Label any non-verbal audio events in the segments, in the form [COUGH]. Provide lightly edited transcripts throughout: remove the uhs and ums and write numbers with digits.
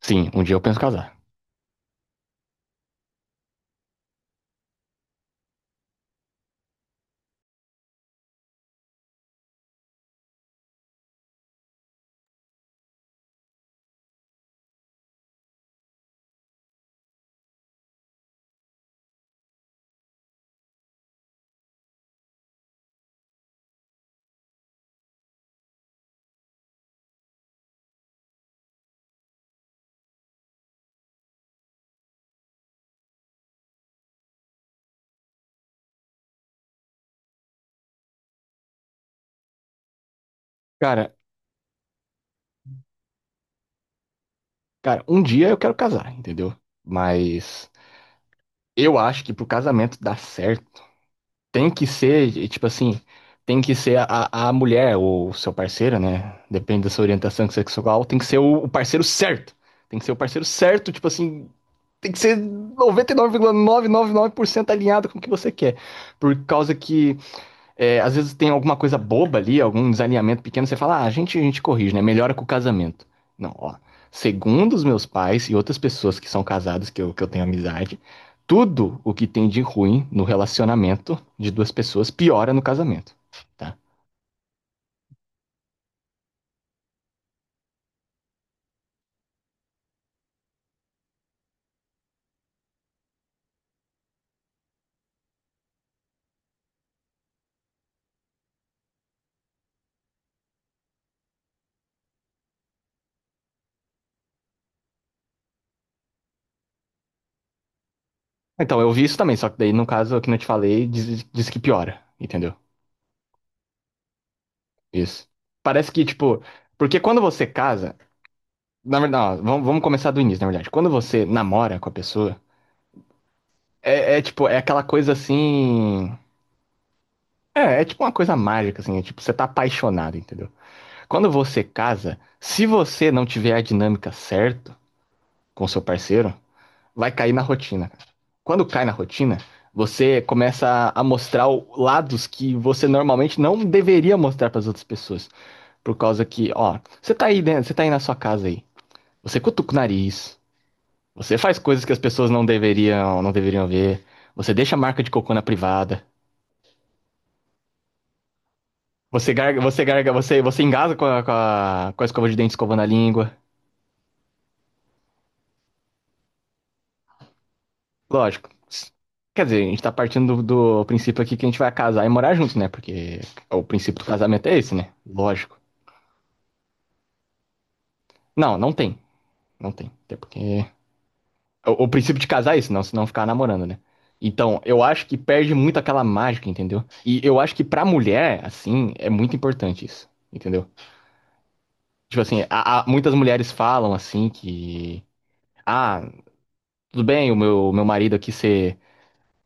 Sim, um dia eu penso casar. Cara, cara, um dia eu quero casar, entendeu? Mas eu acho que pro casamento dar certo, tem que ser, e, tipo assim, tem que ser a mulher ou o seu parceiro, né? Depende da sua orientação sexual, tem que ser o parceiro certo. Tem que ser o parceiro certo, tipo assim, tem que ser 99,999% alinhado com o que você quer. Por causa que é, às vezes tem alguma coisa boba ali, algum desalinhamento pequeno, você fala, ah, a gente corrige, né? Melhora com o casamento. Não, ó. Segundo os meus pais e outras pessoas que são casadas, que eu tenho amizade, tudo o que tem de ruim no relacionamento de duas pessoas piora no casamento, tá? Então, eu vi isso também, só que daí, no caso que não te falei, diz que piora, entendeu? Isso. Parece que, tipo, porque quando você casa, na verdade, não, vamos começar do início, na verdade. Quando você namora com a pessoa, é, é tipo, é aquela coisa assim. É, é tipo uma coisa mágica, assim, é tipo, você tá apaixonado, entendeu? Quando você casa, se você não tiver a dinâmica certa com seu parceiro, vai cair na rotina, cara. Quando cai na rotina, você começa a mostrar lados que você normalmente não deveria mostrar pras outras pessoas. Por causa que, ó, você tá aí dentro, você tá aí na sua casa aí. Você cutuca o nariz, você faz coisas que as pessoas não deveriam ver. Você deixa a marca de cocô na privada. Você engasa com a, com a, com a escova de dente escovando a língua. Lógico. Quer dizer, a gente tá partindo do princípio aqui que a gente vai casar e morar junto, né? Porque o princípio do casamento é esse, né? Lógico. Não, não tem. Não tem. Até porque. O princípio de casar é isso, não, senão ficar namorando, né? Então, eu acho que perde muito aquela mágica, entendeu? E eu acho que pra mulher, assim, é muito importante isso, entendeu? Tipo assim, muitas mulheres falam assim que. Ah, tudo bem, o meu marido aqui ser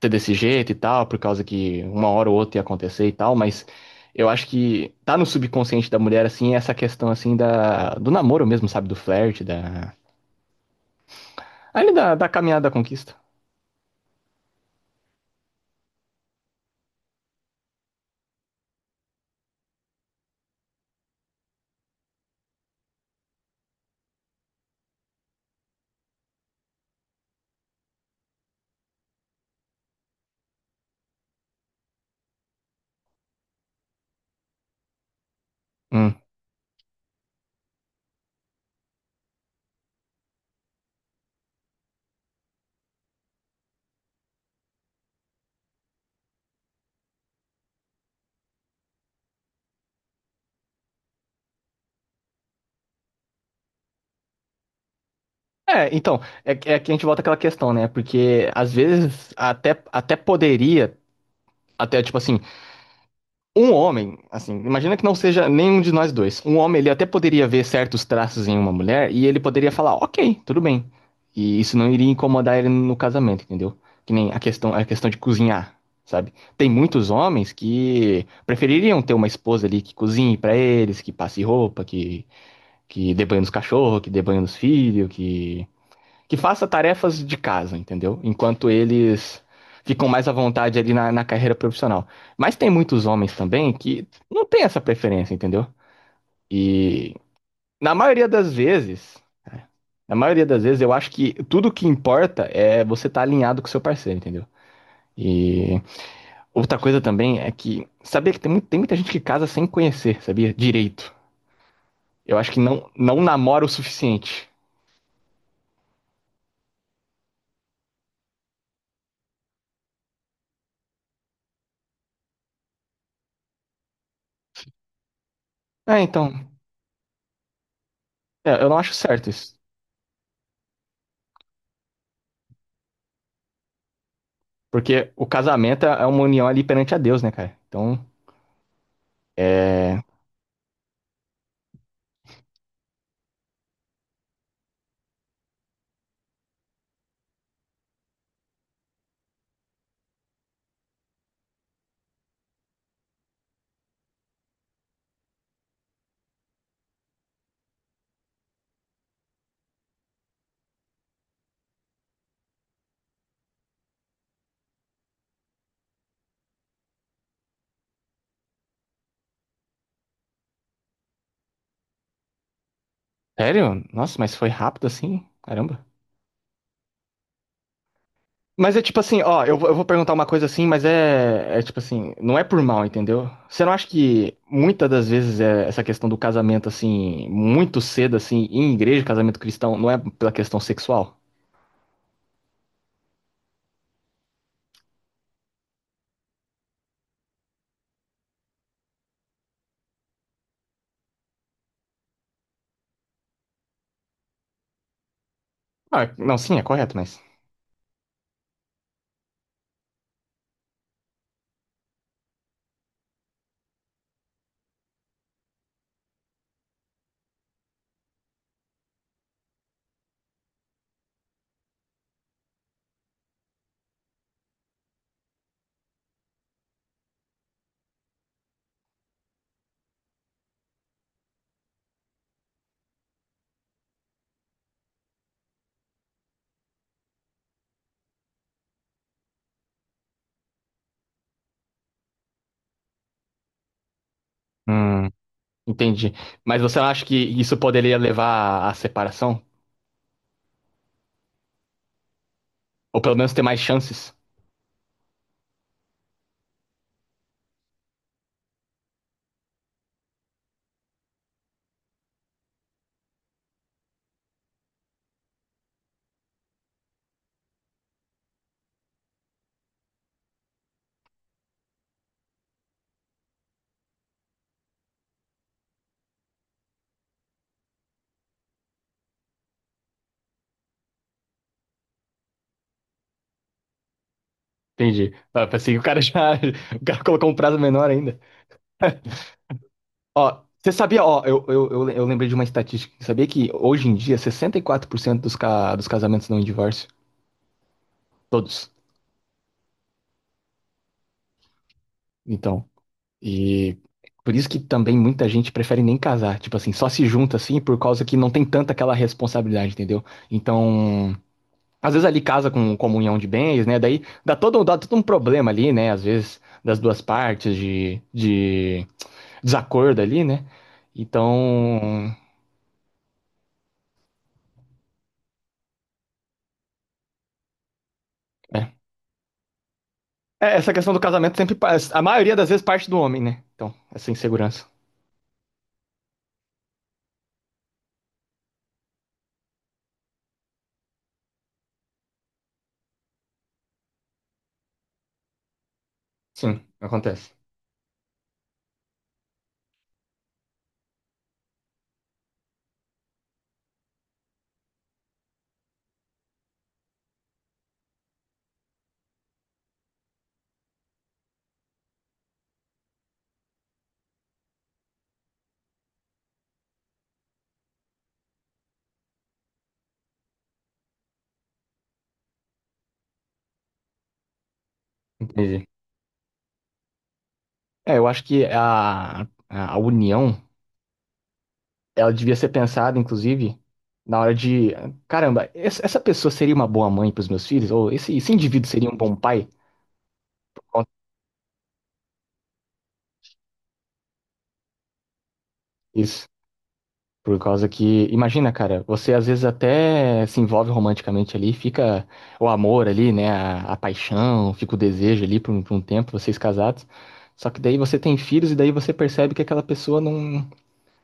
ser desse jeito e tal, por causa que uma hora ou outra ia acontecer e tal, mas eu acho que tá no subconsciente da mulher, assim, essa questão, assim, da, do namoro mesmo, sabe? Do flerte, da. Ali da, da caminhada da conquista. Hum. É, então, é, é que a gente volta àquela questão, né? Porque às vezes até poderia, até tipo assim, um homem, assim, imagina que não seja nenhum de nós dois. Um homem, ele até poderia ver certos traços em uma mulher e ele poderia falar, ok, tudo bem. E isso não iria incomodar ele no casamento, entendeu? Que nem a questão, a questão de cozinhar, sabe? Tem muitos homens que prefeririam ter uma esposa ali que cozinhe pra eles, que passe roupa, que dê banho nos cachorros, que dê banho nos filhos, que faça tarefas de casa, entendeu? Enquanto eles ficam mais à vontade ali na carreira profissional. Mas tem muitos homens também que não tem essa preferência, entendeu? E na maioria das vezes, na maioria das vezes, eu acho que tudo que importa é você estar alinhado com o seu parceiro, entendeu? E outra coisa também é que, sabia que tem, tem muita gente que casa sem conhecer, sabia? Direito. Eu acho que não, não namora o suficiente. É, então, é, eu não acho certo isso. Porque o casamento é uma união ali perante a Deus, né, cara? Então, é. Sério? Nossa, mas foi rápido assim? Caramba. Mas é tipo assim, ó, eu, eu vou perguntar uma coisa assim, mas é, é tipo assim, não é por mal, entendeu? Você não acha que muitas das vezes é essa questão do casamento, assim, muito cedo, assim, em igreja, casamento cristão, não é pela questão sexual? Ah, não, sim, é correto, mas. Hum, entendi. Mas você não acha que isso poderia levar à separação? Ou pelo menos ter mais chances? Entendi. Ah, pensei que o cara já. [LAUGHS] O cara colocou um prazo menor ainda. Ó, você sabia, ó, eu lembrei de uma estatística. Sabia que hoje em dia 64% dos, dos casamentos não em divórcio? Todos. Então. E por isso que também muita gente prefere nem casar. Tipo assim, só se junta assim por causa que não tem tanta aquela responsabilidade, entendeu? Então. Às vezes ali casa com comunhão de bens, né? Daí dá todo um problema ali, né? Às vezes das duas partes de desacordo ali, né? Então, é. É, essa questão do casamento sempre, a maioria das vezes parte do homem, né? Então, essa insegurança. Sim, acontece. Entendi. É, eu acho que a união, ela devia ser pensada, inclusive, na hora de, caramba, essa pessoa seria uma boa mãe para os meus filhos? Ou esse indivíduo seria um bom pai? Isso. Por causa que, imagina, cara, você às vezes até se envolve romanticamente ali, fica o amor ali, né, a paixão, fica o desejo ali por um tempo, vocês casados. Só que daí você tem filhos e daí você percebe que aquela pessoa não,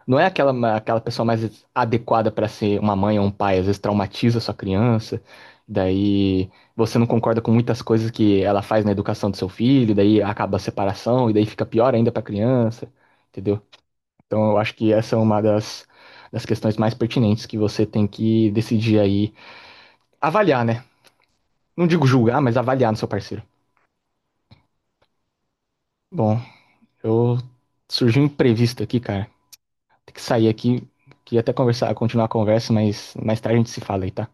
não é aquela, aquela pessoa mais adequada para ser uma mãe ou um pai, às vezes traumatiza a sua criança. Daí você não concorda com muitas coisas que ela faz na educação do seu filho, daí acaba a separação e daí fica pior ainda para a criança, entendeu? Então, eu acho que essa é uma das, das questões mais pertinentes que você tem que decidir aí. Avaliar, né? Não digo julgar, mas avaliar no seu parceiro. Bom, eu surgiu um imprevisto aqui, cara. Tem que sair aqui. Queria até conversar, continuar a conversa, mas mais tarde a gente se fala aí, tá?